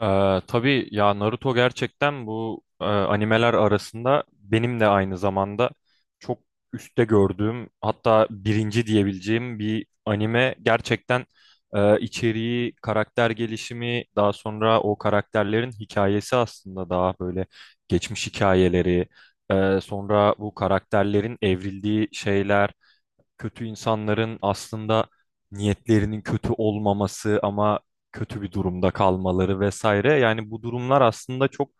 Tabii ya, Naruto gerçekten bu animeler arasında benim de aynı zamanda çok üstte gördüğüm, hatta birinci diyebileceğim bir anime gerçekten. İçeriği, karakter gelişimi, daha sonra o karakterlerin hikayesi, aslında daha böyle geçmiş hikayeleri, sonra bu karakterlerin evrildiği şeyler, kötü insanların aslında niyetlerinin kötü olmaması ama kötü bir durumda kalmaları vesaire. Yani bu durumlar aslında çok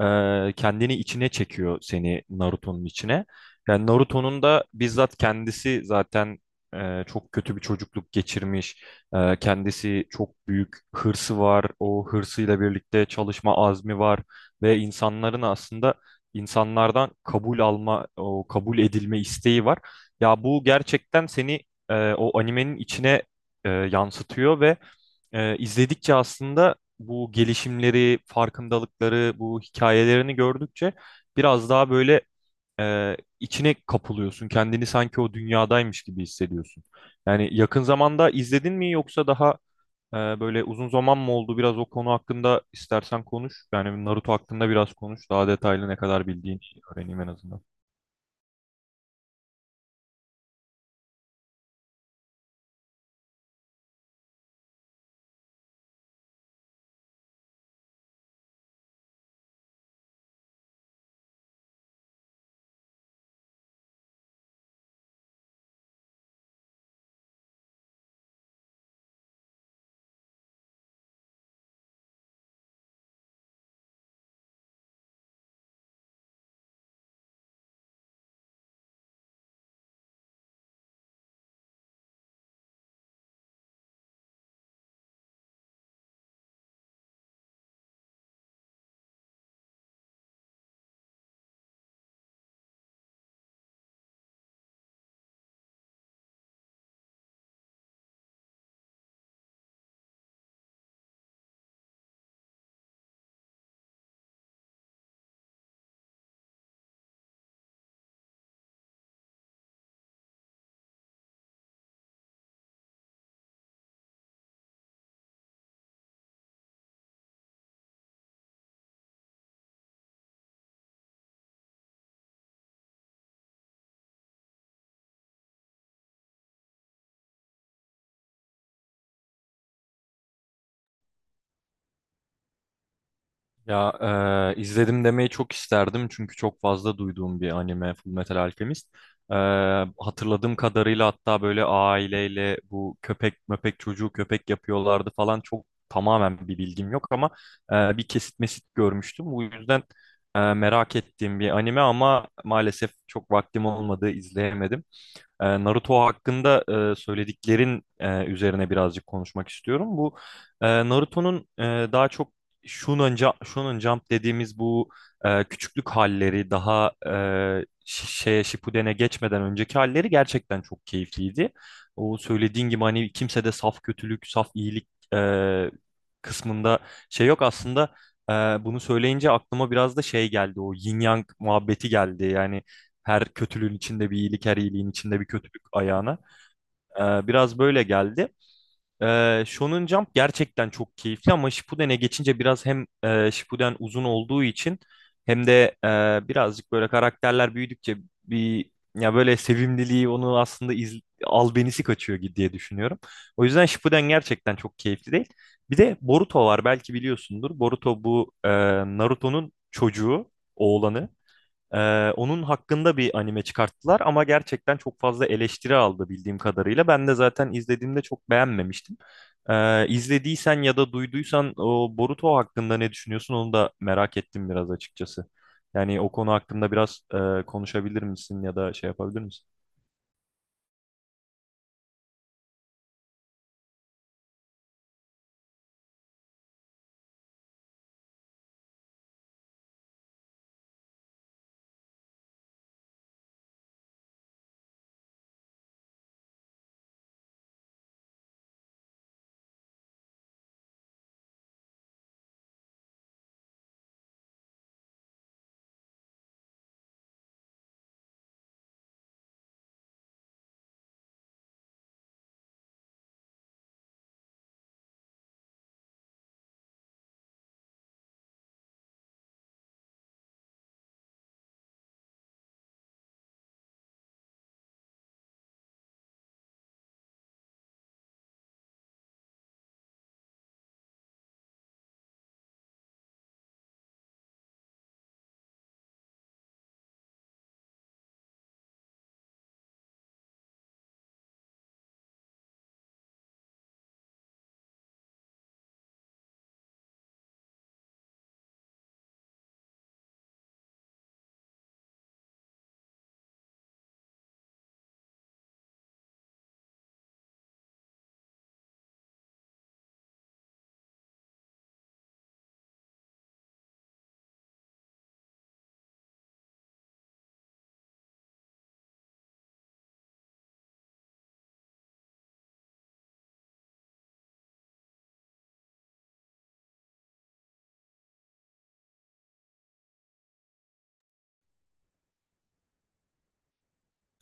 kendini içine çekiyor, seni Naruto'nun içine. Yani Naruto'nun da bizzat kendisi zaten çok kötü bir çocukluk geçirmiş. Kendisi, çok büyük hırsı var. O hırsıyla birlikte çalışma azmi var ve insanların aslında insanlardan kabul alma, o kabul edilme isteği var. Ya bu gerçekten seni o animenin içine yansıtıyor ve izledikçe aslında bu gelişimleri, farkındalıkları, bu hikayelerini gördükçe biraz daha böyle içine kapılıyorsun. Kendini sanki o dünyadaymış gibi hissediyorsun. Yani yakın zamanda izledin mi, yoksa daha böyle uzun zaman mı oldu? Biraz o konu hakkında istersen konuş. Yani Naruto hakkında biraz konuş. Daha detaylı ne kadar bildiğini öğreneyim en azından. Ya izledim demeyi çok isterdim, çünkü çok fazla duyduğum bir anime Fullmetal Alchemist. Eee, Hatırladığım kadarıyla, hatta böyle aileyle bu köpek möpek çocuğu köpek yapıyorlardı falan, çok tamamen bir bilgim yok ama bir kesit mesit görmüştüm. Bu yüzden merak ettiğim bir anime ama maalesef çok vaktim olmadı, izleyemedim. Naruto hakkında söylediklerin üzerine birazcık konuşmak istiyorum. Bu Naruto'nun daha çok Shonen Jump, Shonen Jump dediğimiz bu küçüklük halleri, daha şeye, Shippuden'e geçmeden önceki halleri gerçekten çok keyifliydi. O söylediğin gibi hani kimsede saf kötülük, saf iyilik e, kısmında şey yok aslında. e, Bunu söyleyince aklıma biraz da şey geldi, o yin yang muhabbeti geldi. Yani her kötülüğün içinde bir iyilik, her iyiliğin içinde bir kötülük ayağına. Biraz böyle geldi. Shonen Jump gerçekten çok keyifli ama Shippuden'e geçince biraz, hem Shippuden uzun olduğu için, hem de birazcık böyle karakterler büyüdükçe bir, ya böyle sevimliliği, onu aslında albenisi kaçıyor diye düşünüyorum. O yüzden Shippuden gerçekten çok keyifli değil. Bir de Boruto var, belki biliyorsundur. Boruto, bu Naruto'nun çocuğu, oğlanı. Onun hakkında bir anime çıkarttılar ama gerçekten çok fazla eleştiri aldı bildiğim kadarıyla. Ben de zaten izlediğimde çok beğenmemiştim. İzlediysen ya da duyduysan, o Boruto hakkında ne düşünüyorsun, onu da merak ettim biraz açıkçası. Yani o konu hakkında biraz konuşabilir misin ya da şey yapabilir misin?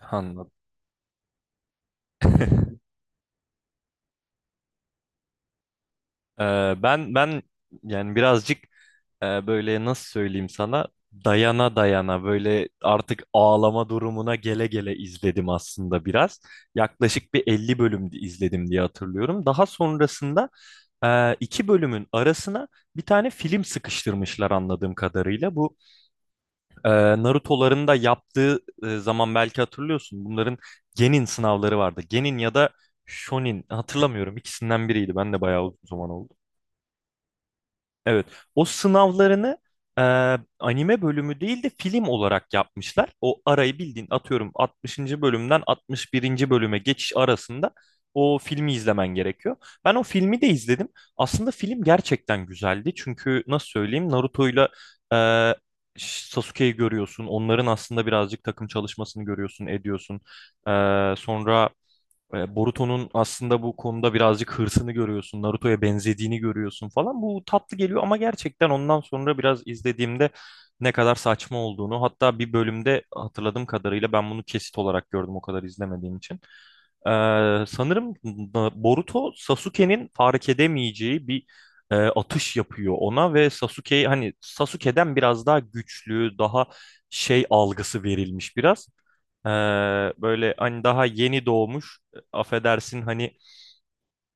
Anladım. Ee, ben yani birazcık böyle, nasıl söyleyeyim sana, dayana dayana böyle artık ağlama durumuna gele gele izledim aslında biraz. Yaklaşık bir 50 bölüm izledim diye hatırlıyorum. Daha sonrasında iki bölümün arasına bir tane film sıkıştırmışlar anladığım kadarıyla. Bu e, Naruto'ların da yaptığı zaman belki hatırlıyorsun. Bunların Genin sınavları vardı. Genin ya da Shonin, hatırlamıyorum, ikisinden biriydi. Ben de bayağı uzun zaman oldu. Evet. O sınavlarını e, anime bölümü değil de film olarak yapmışlar. O arayı, bildiğin atıyorum, 60. bölümden 61. bölüme geçiş arasında o filmi izlemen gerekiyor. Ben o filmi de izledim. Aslında film gerçekten güzeldi. Çünkü nasıl söyleyeyim, Naruto'yla e, Sasuke'yi görüyorsun. Onların aslında birazcık takım çalışmasını görüyorsun, ediyorsun. E, Sonra Boruto'nun aslında bu konuda birazcık hırsını görüyorsun, Naruto'ya benzediğini görüyorsun falan. Bu tatlı geliyor ama gerçekten ondan sonra biraz izlediğimde ne kadar saçma olduğunu, hatta bir bölümde hatırladığım kadarıyla, ben bunu kesit olarak gördüm o kadar izlemediğim için. E, Sanırım Boruto, Sasuke'nin fark edemeyeceği bir atış yapıyor ona ve Sasuke'yi, hani Sasuke'den biraz daha güçlü, daha şey algısı verilmiş biraz. Ee, Böyle hani daha yeni doğmuş, affedersin hani,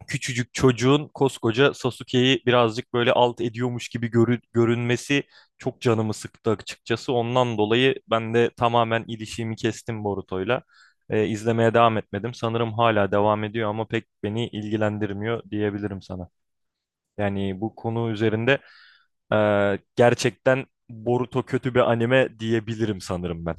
küçücük çocuğun koskoca Sasuke'yi birazcık böyle alt ediyormuş gibi görünmesi çok canımı sıktı açıkçası. Ondan dolayı ben de tamamen ilişiğimi kestim Boruto'yla. İzlemeye devam etmedim. Sanırım hala devam ediyor ama pek beni ilgilendirmiyor diyebilirim sana. Yani bu konu üzerinde gerçekten Boruto kötü bir anime diyebilirim sanırım ben.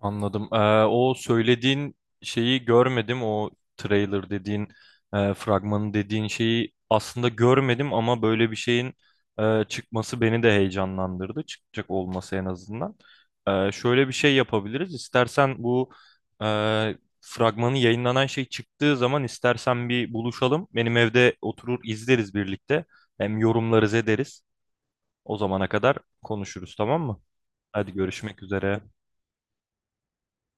Anladım. O söylediğin şeyi görmedim. O trailer dediğin, fragmanı dediğin şeyi aslında görmedim ama böyle bir şeyin çıkması beni de heyecanlandırdı. Çıkacak olması en azından. Şöyle bir şey yapabiliriz. İstersen bu e, fragmanı yayınlanan şey çıktığı zaman istersen bir buluşalım. Benim evde oturur izleriz birlikte. Hem yorumlarız ederiz. O zamana kadar konuşuruz, tamam mı? Hadi, görüşmek üzere.